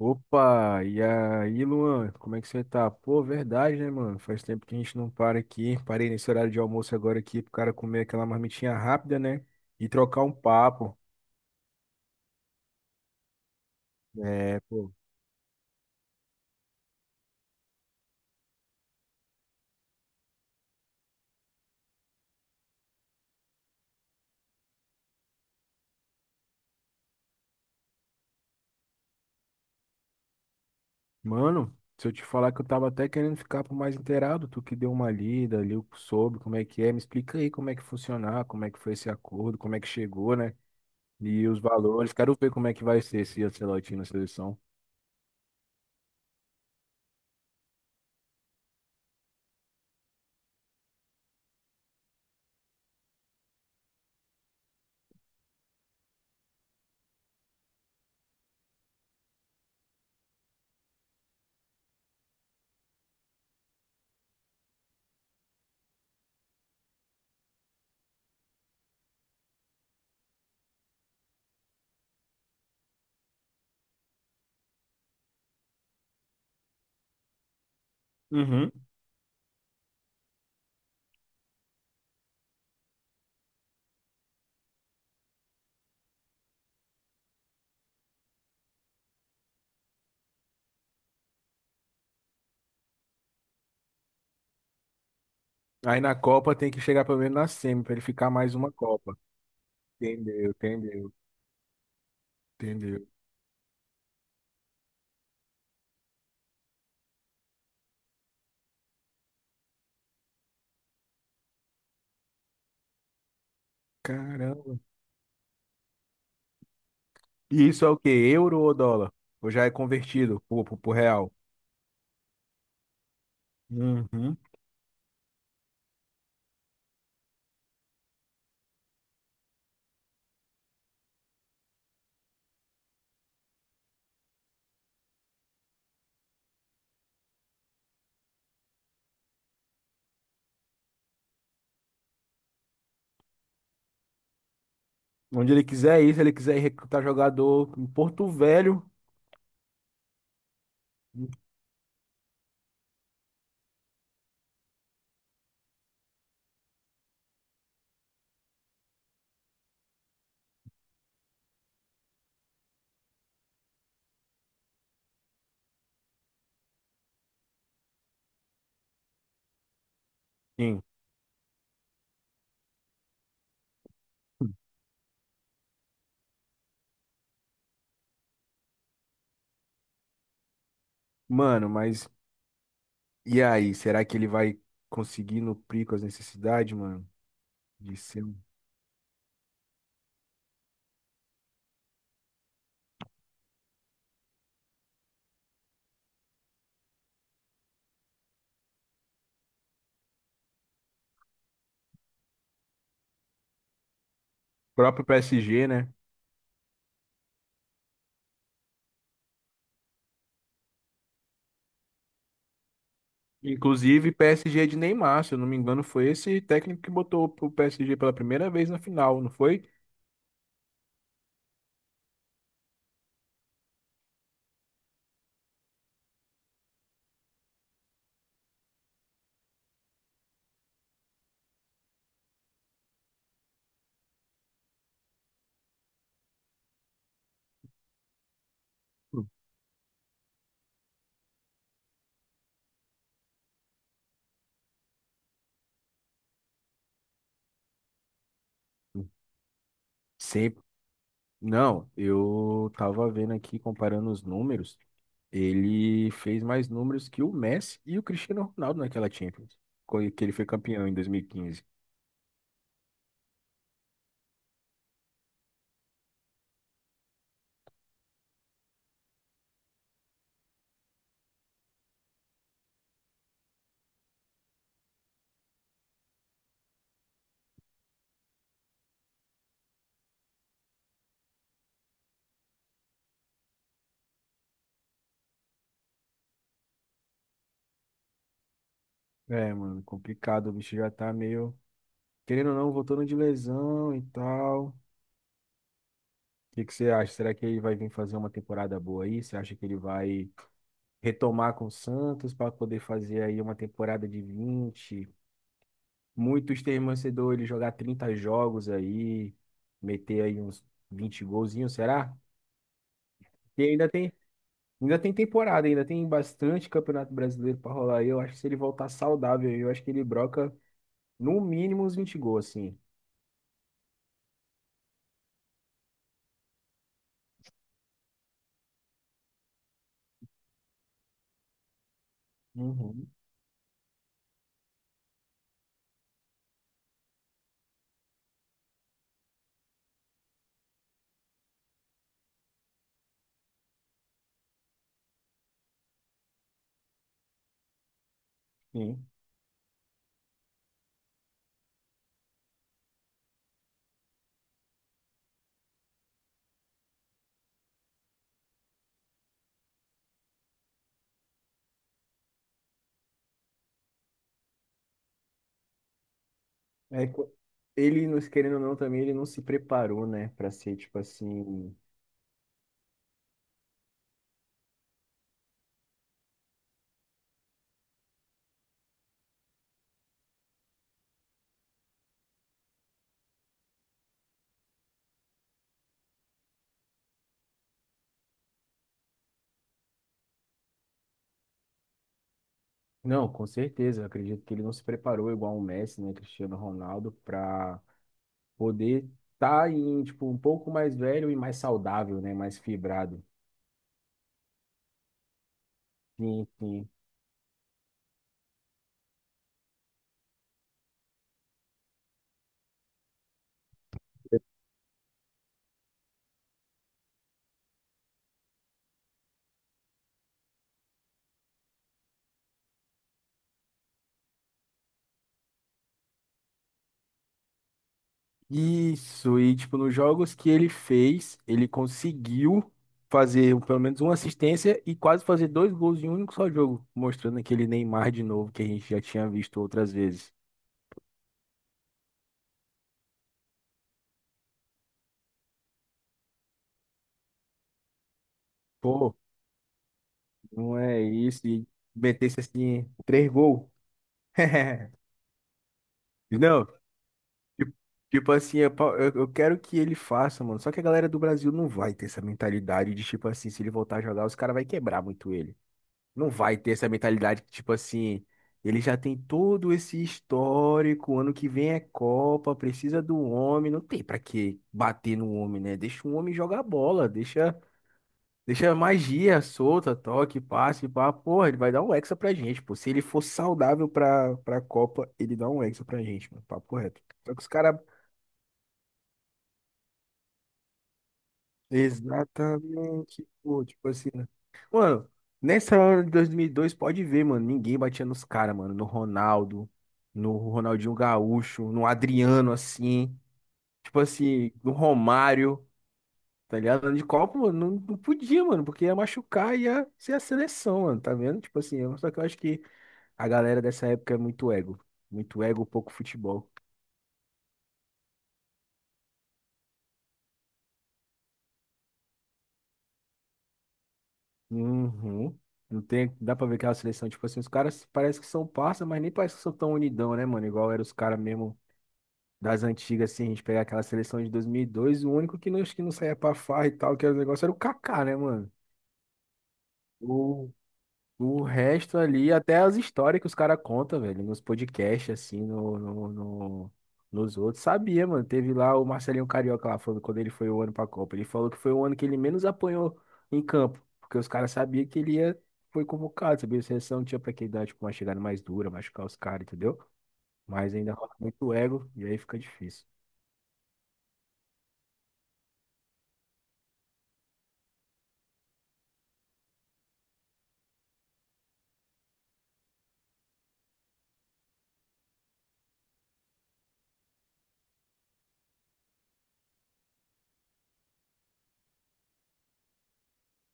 Opa, e aí, Luan, como é que você tá? Pô, verdade, né, mano? Faz tempo que a gente não para aqui. Parei nesse horário de almoço agora aqui pro cara comer aquela marmitinha rápida, né? E trocar um papo. É, pô. Mano, se eu te falar que eu tava até querendo ficar por mais inteirado, tu que deu uma lida, ali sobre como é que é, me explica aí como é que funcionar, como é que foi esse acordo, como é que chegou, né? E os valores. Quero ver como é que vai ser esse Ancelotti na seleção. Uhum. Aí na Copa tem que chegar pelo menos na semi, pra ele ficar mais uma Copa. Entendeu, entendeu, entendeu. Caramba. E isso é o quê? Euro ou dólar? Ou já é convertido pro real? Uhum. Onde ele quiser ir, se ele quiser ir recrutar jogador em Porto Velho. Sim. Mano, mas e aí? Será que ele vai conseguir nuprir com as necessidades, mano? De ser o próprio PSG, né? Inclusive, PSG de Neymar, se eu não me engano, foi esse técnico que botou o PSG pela primeira vez na final, não foi? Hum, hum. Sempre. Não, eu tava vendo aqui, comparando os números, ele fez mais números que o Messi e o Cristiano Ronaldo naquela Champions, que ele foi campeão em 2015. É, mano, complicado, o bicho já tá meio, querendo ou não, voltando de lesão e tal. O que que você acha? Será que ele vai vir fazer uma temporada boa aí? Você acha que ele vai retomar com o Santos para poder fazer aí uma temporada de 20, muitos têm torcedor ele jogar 30 jogos aí, meter aí uns 20 golzinhos, será? E ainda tem temporada, ainda tem bastante Campeonato Brasileiro para rolar aí. Eu acho que se ele voltar saudável, eu acho que ele broca no mínimo uns 20 gols, assim. Uhum, sim. É, ele, querendo ou não, também ele não se preparou, né, para ser tipo assim. Não, com certeza. Eu acredito que ele não se preparou igual o Messi, né, Cristiano Ronaldo, para poder estar em, tipo, um pouco mais velho e mais saudável, né, mais fibrado. Sim, sim. Isso, e tipo, nos jogos que ele fez, ele conseguiu fazer pelo menos uma assistência e quase fazer dois gols em um único só jogo, mostrando aquele Neymar de novo que a gente já tinha visto outras vezes. Pô, não é isso, e metesse assim, três gols. Não, Tipo tipo assim, eu, pa- eu quero que ele faça, mano. Só que a galera do Brasil não vai ter essa mentalidade de, tipo assim, se ele voltar a jogar, os caras vai quebrar muito ele. Não vai ter essa mentalidade que, tipo assim, ele já tem todo esse histórico, ano que vem é Copa, precisa do homem. Não tem pra que bater no homem, né? Deixa o homem jogar bola, deixa, deixa a magia solta, toque, passe, pá. Porra, ele vai dar um hexa pra gente, pô. Se ele for saudável pra Copa, ele dá um hexa pra gente, mano. Papo reto. Só que os caras Exatamente, pô, tipo assim, né? Mano, nessa hora de 2002 pode ver, mano, ninguém batia nos caras, mano, no Ronaldo, no Ronaldinho Gaúcho, no Adriano, assim, tipo assim, no Romário, tá ligado? De Copa, mano, não, não podia, mano, porque ia machucar e ia ser a seleção, mano, tá vendo? Tipo assim, só que eu acho que a galera dessa época é muito ego, pouco futebol. Uhum. Não tem, dá pra ver que a seleção, tipo assim, os caras parece que são parça, mas nem parece que são tão unidão, né, mano? Igual eram os caras mesmo das antigas, assim, a gente pegar aquela seleção de 2002, o único que não, acho que não saía pra farra e tal, que era o negócio, era o Kaká, né, mano? O o resto ali, até as histórias que os caras contam, velho, nos podcasts, assim, nos outros. Sabia, mano. Teve lá o Marcelinho Carioca lá falando quando ele foi o ano pra Copa. Ele falou que foi o ano que ele menos apanhou em campo, porque os caras sabiam que ele ia, foi convocado, sabia? A seleção tinha pra que dar, tipo, uma chegada mais dura, machucar os caras, entendeu? Mas ainda rola muito ego e aí fica difícil.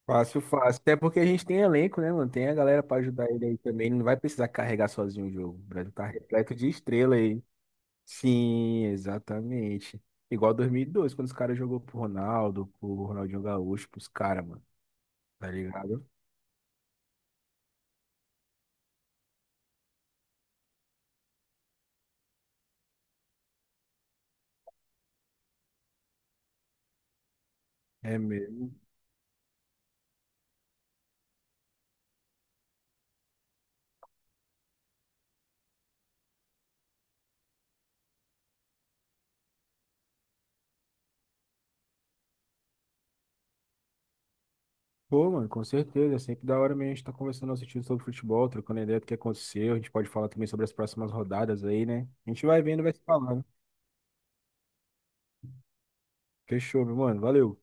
Fácil, fácil. Até porque a gente tem elenco, né, mano? Tem a galera pra ajudar ele aí também. Não vai precisar carregar sozinho o jogo. O Brasil tá repleto de estrela aí. Sim, exatamente. Igual 2002, quando os caras jogou pro Ronaldo, pro Ronaldinho Gaúcho, pros caras, mano. Tá ligado? É mesmo. Pô, mano, com certeza. É sempre da hora mesmo a gente tá conversando, assistindo sobre futebol, trocando ideia do que aconteceu. A gente pode falar também sobre as próximas rodadas aí, né? A gente vai vendo, e vai se falando. Fechou, meu mano. Valeu.